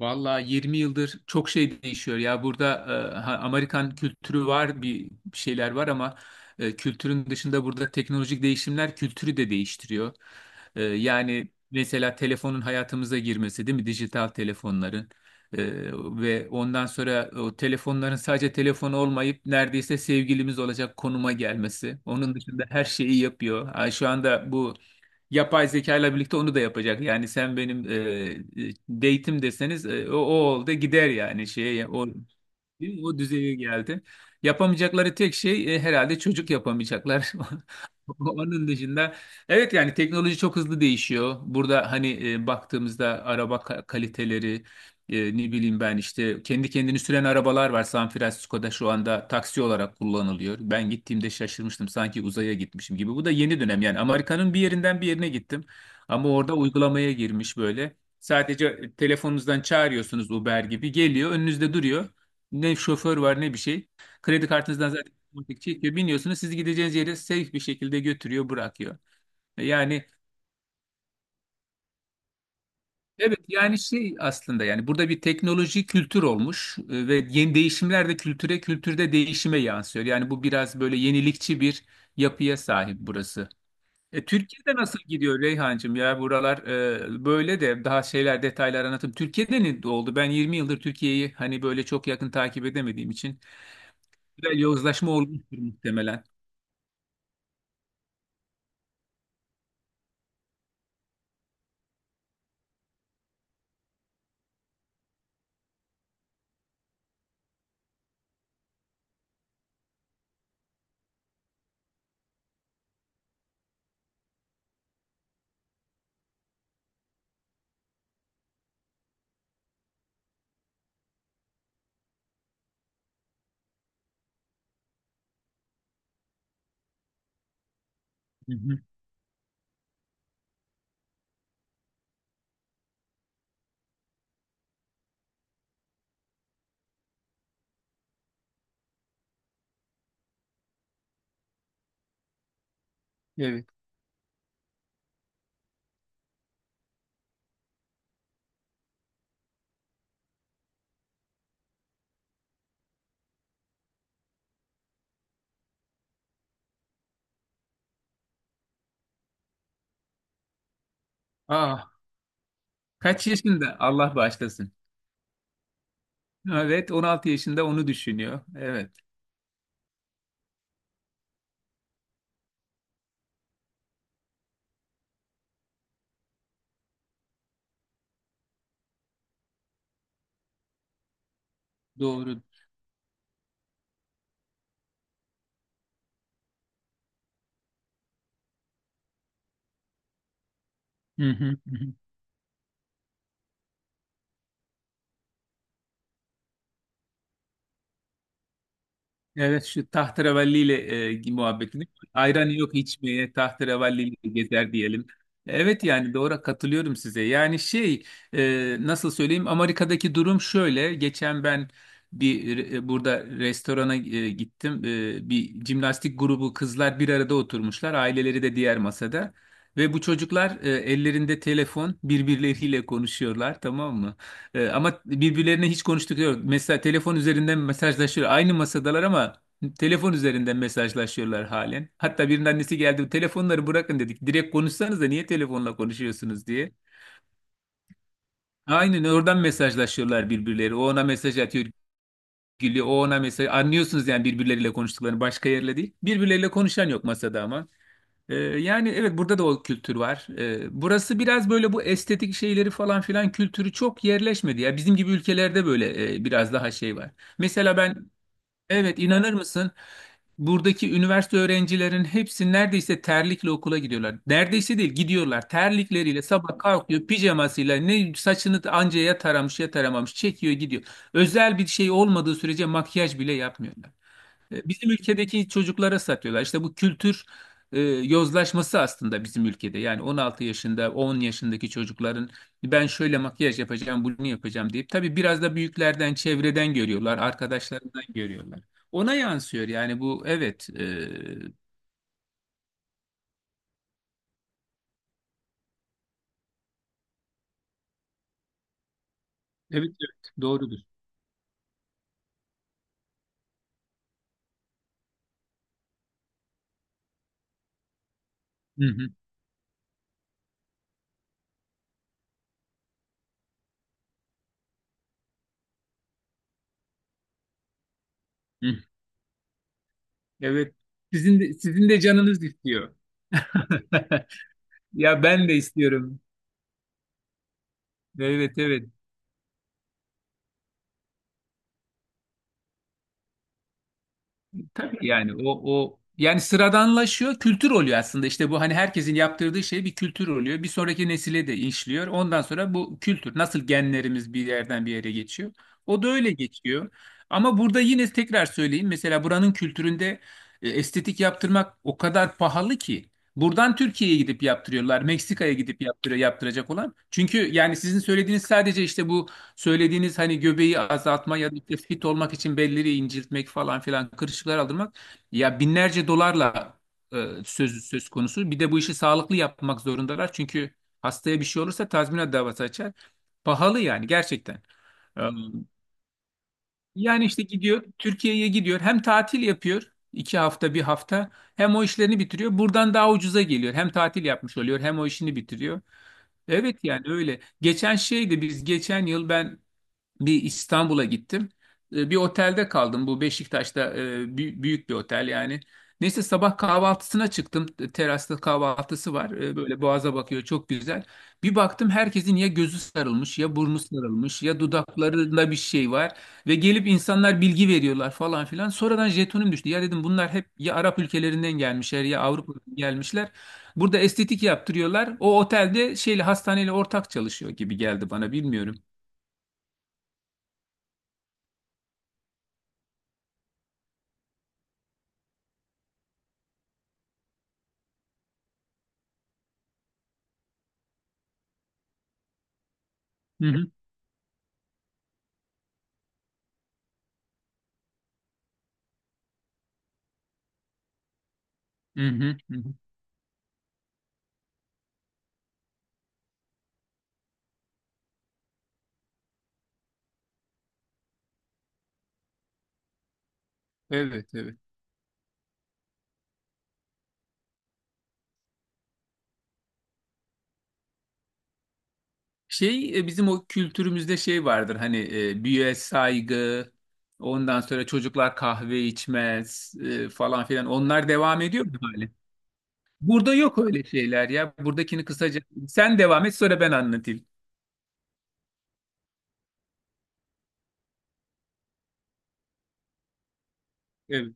Valla 20 yıldır çok şey değişiyor ya burada. Amerikan kültürü var, bir şeyler var ama kültürün dışında burada teknolojik değişimler kültürü de değiştiriyor. E, yani mesela telefonun hayatımıza girmesi, değil mi, dijital telefonların. E, ve ondan sonra o telefonların sadece telefon olmayıp neredeyse sevgilimiz olacak konuma gelmesi. Onun dışında her şeyi yapıyor. Ha, şu anda bu yapay zeka ile birlikte onu da yapacak. Yani sen benim date'im deseniz o oldu gider yani şeye o. Değil mi? O düzeye geldi. Yapamayacakları tek şey herhalde, çocuk yapamayacaklar. Onun dışında evet, yani teknoloji çok hızlı değişiyor. Burada hani baktığımızda araba kaliteleri, ne bileyim ben, işte kendi kendini süren arabalar var. San Francisco'da şu anda taksi olarak kullanılıyor. Ben gittiğimde şaşırmıştım, sanki uzaya gitmişim gibi. Bu da yeni dönem yani, Amerika'nın bir yerinden bir yerine gittim. Ama orada uygulamaya girmiş böyle. Sadece telefonunuzdan çağırıyorsunuz, Uber gibi geliyor önünüzde duruyor. Ne şoför var ne bir şey. Kredi kartınızdan zaten otomatik çekiyor. Biniyorsunuz, sizi gideceğiniz yere safe bir şekilde götürüyor, bırakıyor. E, yani evet, yani şey aslında, yani burada bir teknoloji kültür olmuş, ve yeni değişimler de kültüre, kültürde değişime yansıyor. Yani bu biraz böyle yenilikçi bir yapıya sahip burası. Türkiye'de nasıl gidiyor Reyhancığım, ya buralar, böyle de daha şeyler, detaylar anlatım. Türkiye'de ne oldu? Ben 20 yıldır Türkiye'yi hani böyle çok yakın takip edemediğim için güzel yozlaşma olmuştur muhtemelen. Hı hı. Evet. Aa, kaç yaşında? Allah bağışlasın. Evet, 16 yaşında onu düşünüyor. Evet, doğru. Hı hı, hı hı. Evet, şu tahterevalliyle muhabbetini, ayran yok içmeye tahterevalliyle gezer diyelim. Evet, yani doğru, katılıyorum size. Yani şey, nasıl söyleyeyim, Amerika'daki durum şöyle. Geçen ben bir burada restorana gittim. E, bir jimnastik grubu kızlar bir arada oturmuşlar. Aileleri de diğer masada. Ve bu çocuklar ellerinde telefon birbirleriyle konuşuyorlar, tamam mı? Ama birbirlerine hiç konuştukları yok. Mesela telefon üzerinden mesajlaşıyor. Aynı masadalar ama telefon üzerinden mesajlaşıyorlar halen. Hatta birinin annesi geldi, telefonları bırakın dedik. Direkt konuşsanız da niye telefonla konuşuyorsunuz diye. Aynen, oradan mesajlaşıyorlar birbirleri. O ona mesaj atıyor, gülüyor. O ona mesaj. Anlıyorsunuz yani birbirleriyle konuştuklarını, başka yerle değil. Birbirleriyle konuşan yok masada ama. Yani evet, burada da o kültür var. Burası biraz böyle, bu estetik şeyleri falan filan kültürü çok yerleşmedi. Ya bizim gibi ülkelerde böyle biraz daha şey var. Mesela ben evet, inanır mısın? Buradaki üniversite öğrencilerin hepsi neredeyse terlikle okula gidiyorlar. Neredeyse değil, gidiyorlar. Terlikleriyle sabah kalkıyor, pijamasıyla, ne saçını anca ya taramış ya taramamış, çekiyor gidiyor. Özel bir şey olmadığı sürece makyaj bile yapmıyorlar. E, Bizim ülkedeki çocuklara satıyorlar. İşte bu kültür yozlaşması aslında bizim ülkede. Yani 16 yaşında, 10 yaşındaki çocukların ben şöyle makyaj yapacağım, bunu yapacağım deyip, tabii biraz da büyüklerden, çevreden görüyorlar, arkadaşlarından görüyorlar. Ona yansıyor yani bu, evet. Evet, evet, doğrudur. Hı hı, hı. Evet. Sizin de, sizin de canınız istiyor. Ya ben de istiyorum. Evet, evet. Tabii yani o yani sıradanlaşıyor, kültür oluyor aslında. İşte bu hani herkesin yaptırdığı şey bir kültür oluyor. Bir sonraki nesile de işliyor. Ondan sonra bu kültür nasıl, genlerimiz bir yerden bir yere geçiyor. O da öyle geçiyor. Ama burada yine tekrar söyleyeyim. Mesela buranın kültüründe estetik yaptırmak o kadar pahalı ki buradan Türkiye'ye gidip yaptırıyorlar. Meksika'ya gidip yaptırıyor yaptıracak olan. Çünkü yani sizin söylediğiniz sadece işte bu, söylediğiniz hani göbeği azaltma ya da işte fit olmak için belleri inceltmek falan filan, kırışıklar aldırmak, ya binlerce dolarla e, söz konusu. Bir de bu işi sağlıklı yapmak zorundalar çünkü hastaya bir şey olursa tazminat davası açar. Pahalı yani, gerçekten. E, Yani işte gidiyor, Türkiye'ye gidiyor, hem tatil yapıyor, iki hafta bir hafta, hem o işlerini bitiriyor. Buradan daha ucuza geliyor, hem tatil yapmış oluyor hem o işini bitiriyor. Evet yani öyle. Geçen şeydi, biz geçen yıl ben bir İstanbul'a gittim. E, Bir otelde kaldım. Bu Beşiktaş'ta, büyük bir otel yani. Neyse, sabah kahvaltısına çıktım. E, Terasta kahvaltısı var. E, Böyle boğaza bakıyor, çok güzel. Bir baktım herkesin ya gözü sarılmış ya burnu sarılmış ya dudaklarında bir şey var. Ve gelip insanlar bilgi veriyorlar falan filan. Sonradan jetonum düştü. Ya dedim bunlar hep ya Arap ülkelerinden gelmişler ya Avrupa'dan gelmişler. Burada estetik yaptırıyorlar. O otelde şeyle, hastaneyle ortak çalışıyor gibi geldi bana, bilmiyorum. Hı hı, hı hı. Evet, evet. Şey, bizim o kültürümüzde şey vardır hani, büyüğe saygı, ondan sonra çocuklar kahve içmez falan filan. Onlar devam ediyor mu hali? Burada yok öyle şeyler ya. Buradakini kısaca sen devam et, sonra ben anlatayım. Evet.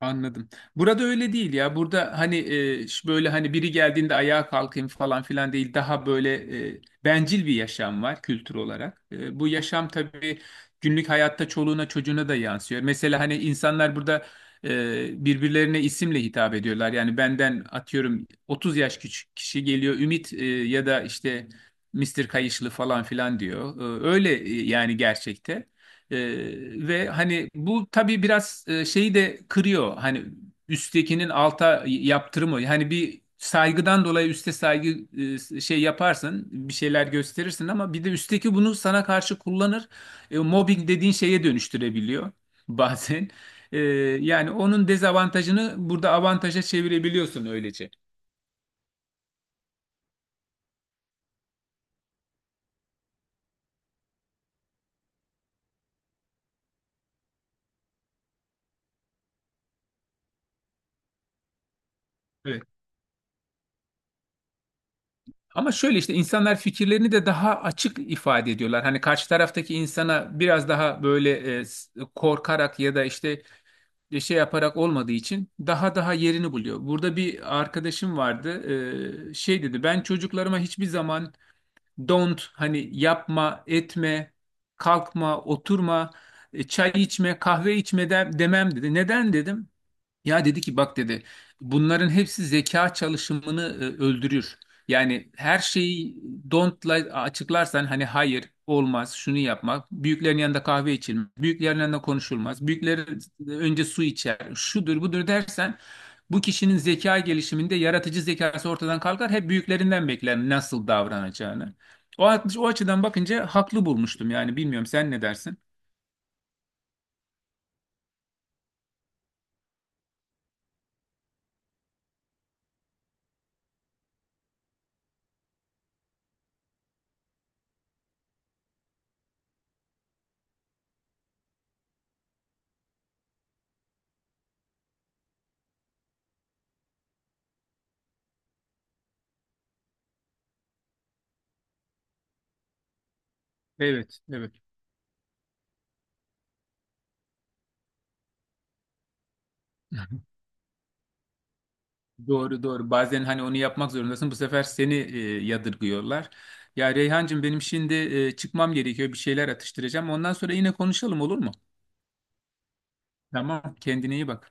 Anladım. Burada öyle değil ya. Burada hani böyle hani biri geldiğinde ayağa kalkayım falan filan değil. Daha böyle bencil bir yaşam var kültür olarak. E, bu yaşam tabii günlük hayatta çoluğuna çocuğuna da yansıyor. Mesela hani insanlar burada birbirlerine isimle hitap ediyorlar. Yani benden atıyorum 30 yaş küçük kişi geliyor, Ümit, ya da işte Mister Kayışlı falan filan diyor. Öyle yani, gerçekte. Ee, ve hani bu tabii biraz şeyi de kırıyor. Hani üsttekinin alta yaptırımı. Hani bir saygıdan dolayı üste saygı şey yaparsın, bir şeyler gösterirsin ama bir de üstteki bunu sana karşı kullanır. E, mobbing dediğin şeye dönüştürebiliyor bazen. E, Yani onun dezavantajını burada avantaja çevirebiliyorsun öylece. Evet. Ama şöyle, işte insanlar fikirlerini de daha açık ifade ediyorlar. Hani karşı taraftaki insana biraz daha böyle korkarak ya da işte şey yaparak olmadığı için, daha yerini buluyor. Burada bir arkadaşım vardı. Şey dedi, ben çocuklarıma hiçbir zaman don't, hani yapma, etme, kalkma, oturma, çay içme, kahve içme demem dedi. Neden dedim? Ya dedi ki bak dedi, bunların hepsi zeka çalışımını öldürür. Yani her şeyi don't'la açıklarsan hani hayır olmaz şunu yapmak, büyüklerin yanında kahve içilmez, büyüklerin yanında konuşulmaz, büyükler önce su içer, şudur budur dersen bu kişinin zeka gelişiminde yaratıcı zekası ortadan kalkar. Hep büyüklerinden bekler nasıl davranacağını. O açıdan bakınca haklı bulmuştum yani, bilmiyorum sen ne dersin? Evet, evet. Doğru, doğru. Bazen hani onu yapmak zorundasın. Bu sefer seni yadırgıyorlar. Ya Reyhancığım benim şimdi çıkmam gerekiyor. Bir şeyler atıştıracağım. Ondan sonra yine konuşalım, olur mu? Tamam. Kendine iyi bak.